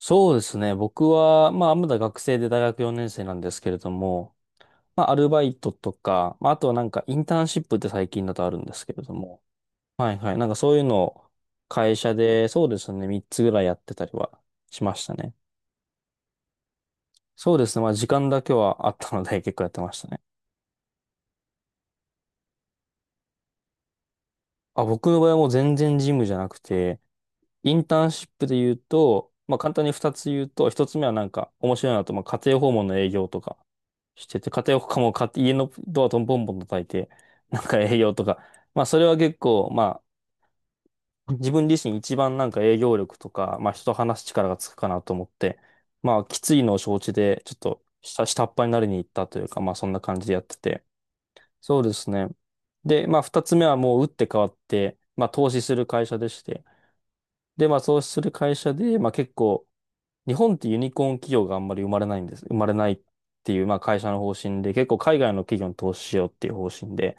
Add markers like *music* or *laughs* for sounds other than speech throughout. そうですね。僕は、まあ、まだ学生で大学4年生なんですけれども、まあ、アルバイトとか、まあ、あとはなんかインターンシップって最近だとあるんですけれども、はいはい。なんかそういうのを会社で、そうですね、3つぐらいやってたりはしましたね。そうですね。まあ、時間だけはあったので結構やってましたね。あ、僕の場合はもう全然ジムじゃなくて、インターンシップで言うと、まあ、簡単に2つ言うと、1つ目はなんか面白いなと、まあ、家庭訪問の営業とかしてて、家庭訪問もか家のドアトンボンボン叩いて、なんか営業とか、まあ、それは結構、まあ、自分自身一番なんか営業力とか、まあ、人と話す力がつくかなと思って、まあ、きついのを承知で、ちょっと下っ端になりに行ったというか、まあ、そんな感じでやってて。そうですね。で、まあ、2つ目はもう打って変わって、まあ、投資する会社でして、で、まあ、投資する会社で、まあ、結構、日本ってユニコーン企業があんまり生まれないっていう、まあ会社の方針で、結構海外の企業に投資しようっていう方針で、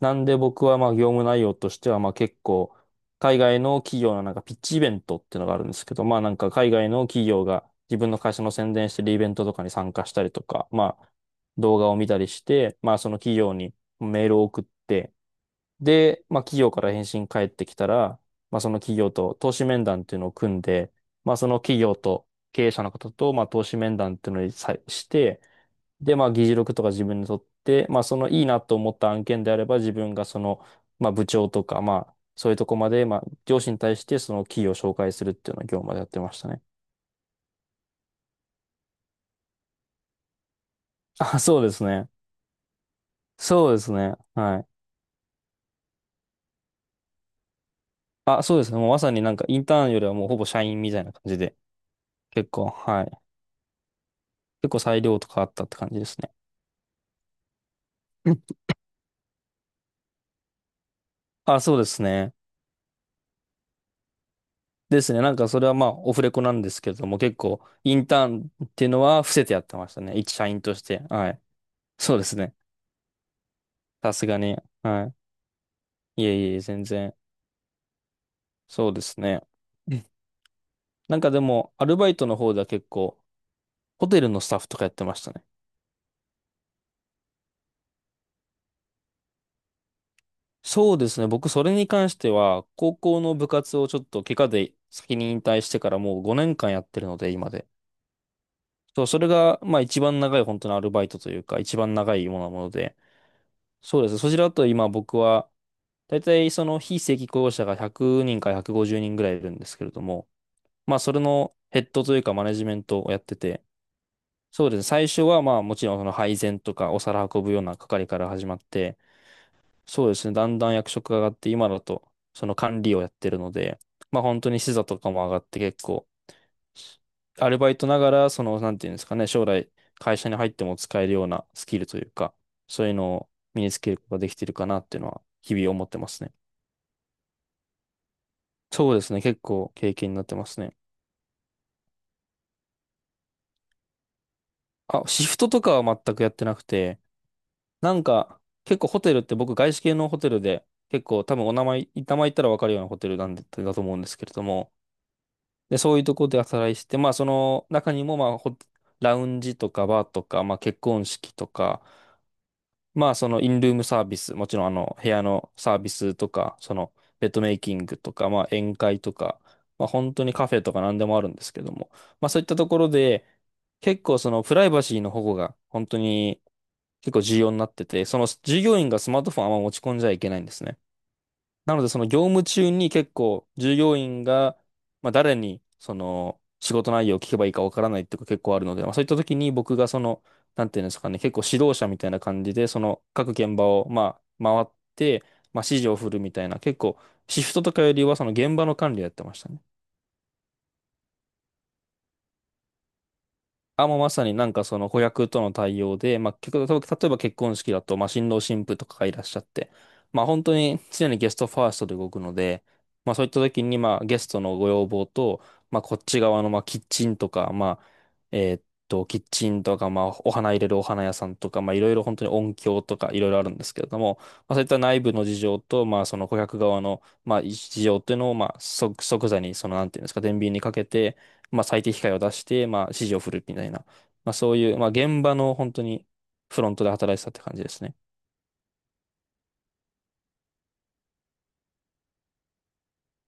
なんで僕はまあ業務内容としては、まあ結構、海外の企業のなんかピッチイベントっていうのがあるんですけど、まあなんか海外の企業が自分の会社の宣伝してるイベントとかに参加したりとか、まあ動画を見たりして、まあその企業にメールを送って、で、まあ、企業から返信返ってきたら、まあ、その企業と投資面談っていうのを組んで、まあ、その企業と経営者の方と、まあ、投資面談っていうのにさして、で、まあ、議事録とか自分で取って、まあ、そのいいなと思った案件であれば、自分がその、まあ、部長とか、まあ、そういうとこまで、まあ、上司に対してその企業を紹介するっていうのを業務までやってましたね。あ、そうですね。そうですね。はい。あ、そうですね。もうまさになんかインターンよりはもうほぼ社員みたいな感じで、結構、はい。結構裁量とかあったって感じですね。*laughs* うん。あ、そうですね。ですね。なんかそれはまあオフレコなんですけれども、結構インターンっていうのは伏せてやってましたね。一社員として。はい。そうですね。さすがに。はい。いえいえ、全然。そうですね。うん。なんかでも、アルバイトの方では結構、ホテルのスタッフとかやってましたね。そうですね。僕、それに関しては、高校の部活をちょっと怪我で先に引退してからもう5年間やってるので、今で。そう、それが、まあ一番長い本当のアルバイトというか、一番長いものなもので。そうです。そちらだと今僕は、大体その非正規雇用者が100人から150人ぐらいいるんですけれども、まあそれのヘッドというかマネジメントをやってて、そうですね。最初はまあもちろんその配膳とかお皿運ぶような係から始まって、そうですね。だんだん役職が上がって今だとその管理をやってるので、まあ本当に視座とかも上がって結構アルバイトながら、その、なんていうんですかね、将来会社に入っても使えるようなスキルというか、そういうのを身につけることができてるかなっていうのは、日々思ってますね。そうですね、結構経験になってますね。あ、シフトとかは全くやってなくて、なんか、結構ホテルって僕、外資系のホテルで、結構多分お名前、名前言ったらわかるようなホテルなんで、だと思うんですけれども、で、そういうところで働いてて、まあ、その中にも、まあ、ホラウンジとかバーとか、まあ、結婚式とか、まあ、そのインルームサービス、もちろんあの部屋のサービスとか、そのベッドメイキングとか、まあ宴会とか、まあ本当にカフェとか何でもあるんですけども、まあそういったところで、結構そのプライバシーの保護が本当に結構重要になってて、その従業員がスマートフォンをあんま持ち込んじゃいけないんですね。なので、その業務中に結構従業員が、まあ、誰にその仕事内容を聞けばいいかわからないっていうか結構あるので、まあ、そういった時に僕がその、なんていうんですかね、結構指導者みたいな感じで、その各現場をまあ回って、まあ、指示を振るみたいな、結構シフトとかよりはその現場の管理をやってましたね。あ、もうまさになんかその子役との対応で、まあ、結構例えば結婚式だと、まあ、新郎新婦とかがいらっしゃって、まあ、本当に常にゲストファーストで動くので、まあ、そういった時に、まあ、ゲストのご要望と、まあ、こっち側の、まあ、キッチンとか、まあ、えーっキッチンとか、まあ、お花入れるお花屋さんとか、まあ、いろいろ本当に音響とかいろいろあるんですけれども、まあ、そういった内部の事情と、まあ、その顧客側の、まあ、事情っていうのを、まあ、即座に、その、なんていうんですか、天秤にかけて、まあ、最適解を出して、まあ、指示を振るみたいな、まあ、そういう、まあ、現場の本当にフロントで働いてたって感じですね。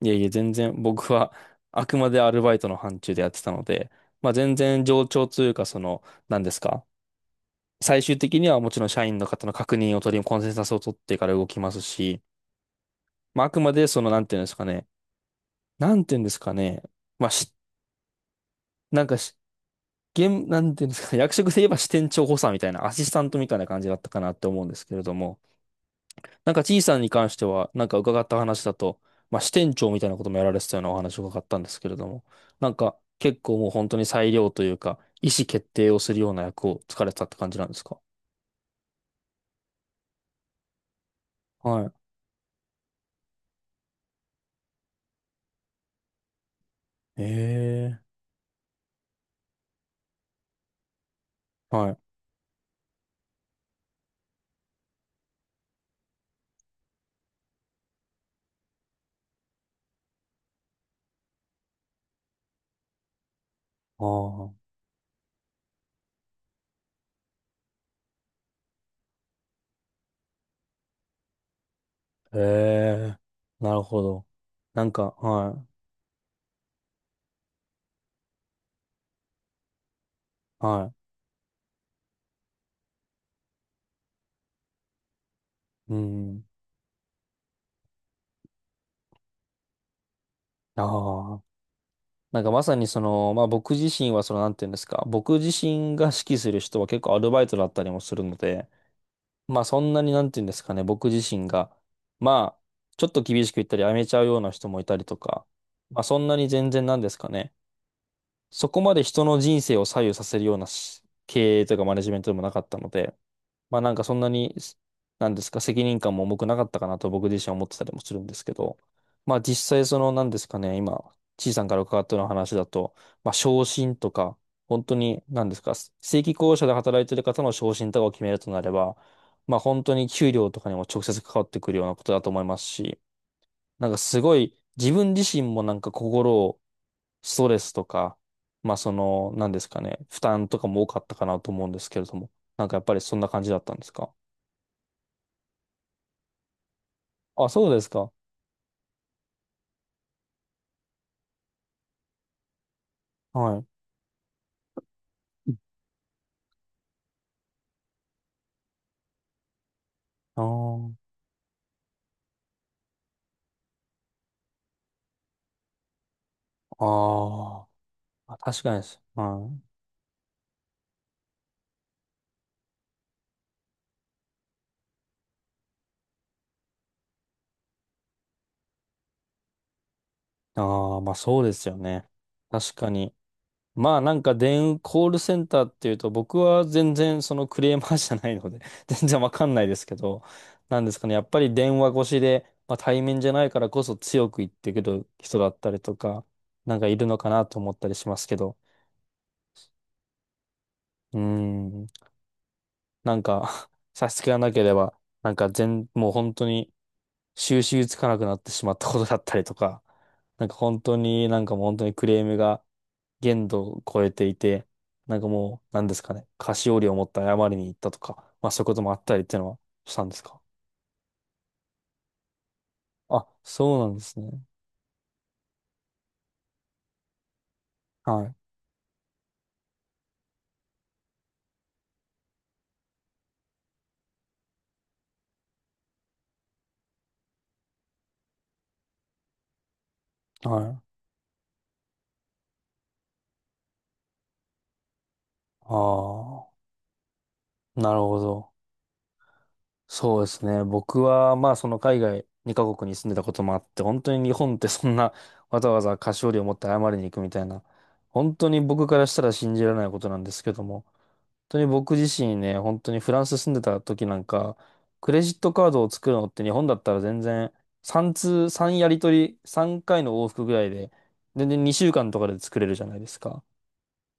いやいや全然僕はあくまでアルバイトの範疇でやってたので、まあ、全然冗長というか、その、何ですか。最終的にはもちろん社員の方の確認を取り、コンセンサスを取ってから動きますし、まあ、あくまでその、なんていうんですかね、なんていうんですかね、まあ、し、なんかし、現、なんていうんですかね、役職で言えば支店長補佐みたいな、アシスタントみたいな感じだったかなって思うんですけれども、なんか、ちいさんに関しては、なんか伺った話だと、まあ、支店長みたいなこともやられてたようなお話を伺ったんですけれども、なんか、結構もう本当に裁量というか、意思決定をするような役をつかれてたって感じなんですか？はい。ええ。はい。ああ。ええ。なるほど。なんか、はい、はい、うん、ああ。なんかまさにその、まあ僕自身はその、なんていうんですか、僕自身が指揮する人は結構アルバイトだったりもするので、まあそんなになんて言うんですかね、僕自身が、まあ、ちょっと厳しく言ったり、やめちゃうような人もいたりとか、まあそんなに全然なんですかね、そこまで人の人生を左右させるような経営とかマネジメントでもなかったので、まあなんかそんなに、なんですか、責任感も重くなかったかなと僕自身は思ってたりもするんですけど、まあ実際そのなんですかね、今、ちいさんから伺ったような話だと、まあ昇進とか、本当になんですか、正規雇用者で働いてる方の昇進とかを決めるとなれば、まあ本当に給料とかにも直接関わってくるようなことだと思いますし、なんかすごい自分自身もなんかストレスとか、まあその、なんですかね、負担とかも多かったかなと思うんですけれども、なんかやっぱりそんな感じだったんですか？あ、そうですか。はい。あー、あー、あ、確かにです。はい。ああ、まあそうですよね。確かに。まあなんかコールセンターっていうと、僕は全然そのクレーマーじゃないので *laughs* 全然わかんないですけど、なんですかね。やっぱり電話越しで、まあ対面じゃないからこそ強く言ってくる人だったりとか、なんかいるのかなと思ったりしますけど。うーん。なんか *laughs* 差し支えがなければ、なんか全、もう本当に収拾つかなくなってしまったことだったりとか、なんか本当になんかもう本当にクレームが限度を超えていて、なんかもう、なんですかね、菓子折りを持って謝りに行ったとか、まあそういうこともあったりっていうのはしたんですか？あ、そうなんですね。はい。はい。ああ、なるほど。そうですね。僕は、まあ、その海外2カ国に住んでたこともあって、本当に日本ってそんなわざわざ菓子折りを持って謝りに行くみたいな、本当に僕からしたら信じられないことなんですけども、本当に僕自身ね、本当にフランス住んでた時なんか、クレジットカードを作るのって日本だったら全然3通、3やり取り、3回の往復ぐらいで、全然2週間とかで作れるじゃないですか。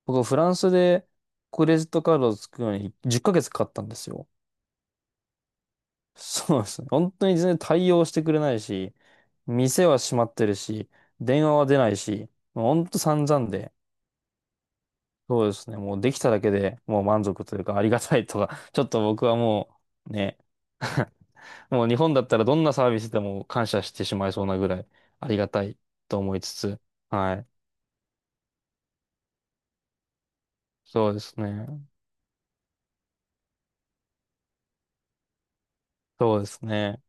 僕はフランスでクレジットカードを作るのに10ヶ月かげつかかったんですよ。そうですね。*laughs* 本当に全然対応してくれないし、店は閉まってるし、電話は出ないし、もう本当散々で、そうですね。もうできただけでもう満足というかありがたいとか、*laughs* ちょっと僕はもうね、*laughs* もう日本だったらどんなサービスでも感謝してしまいそうなぐらいありがたいと思いつつ、はい。そうですね。そうですね。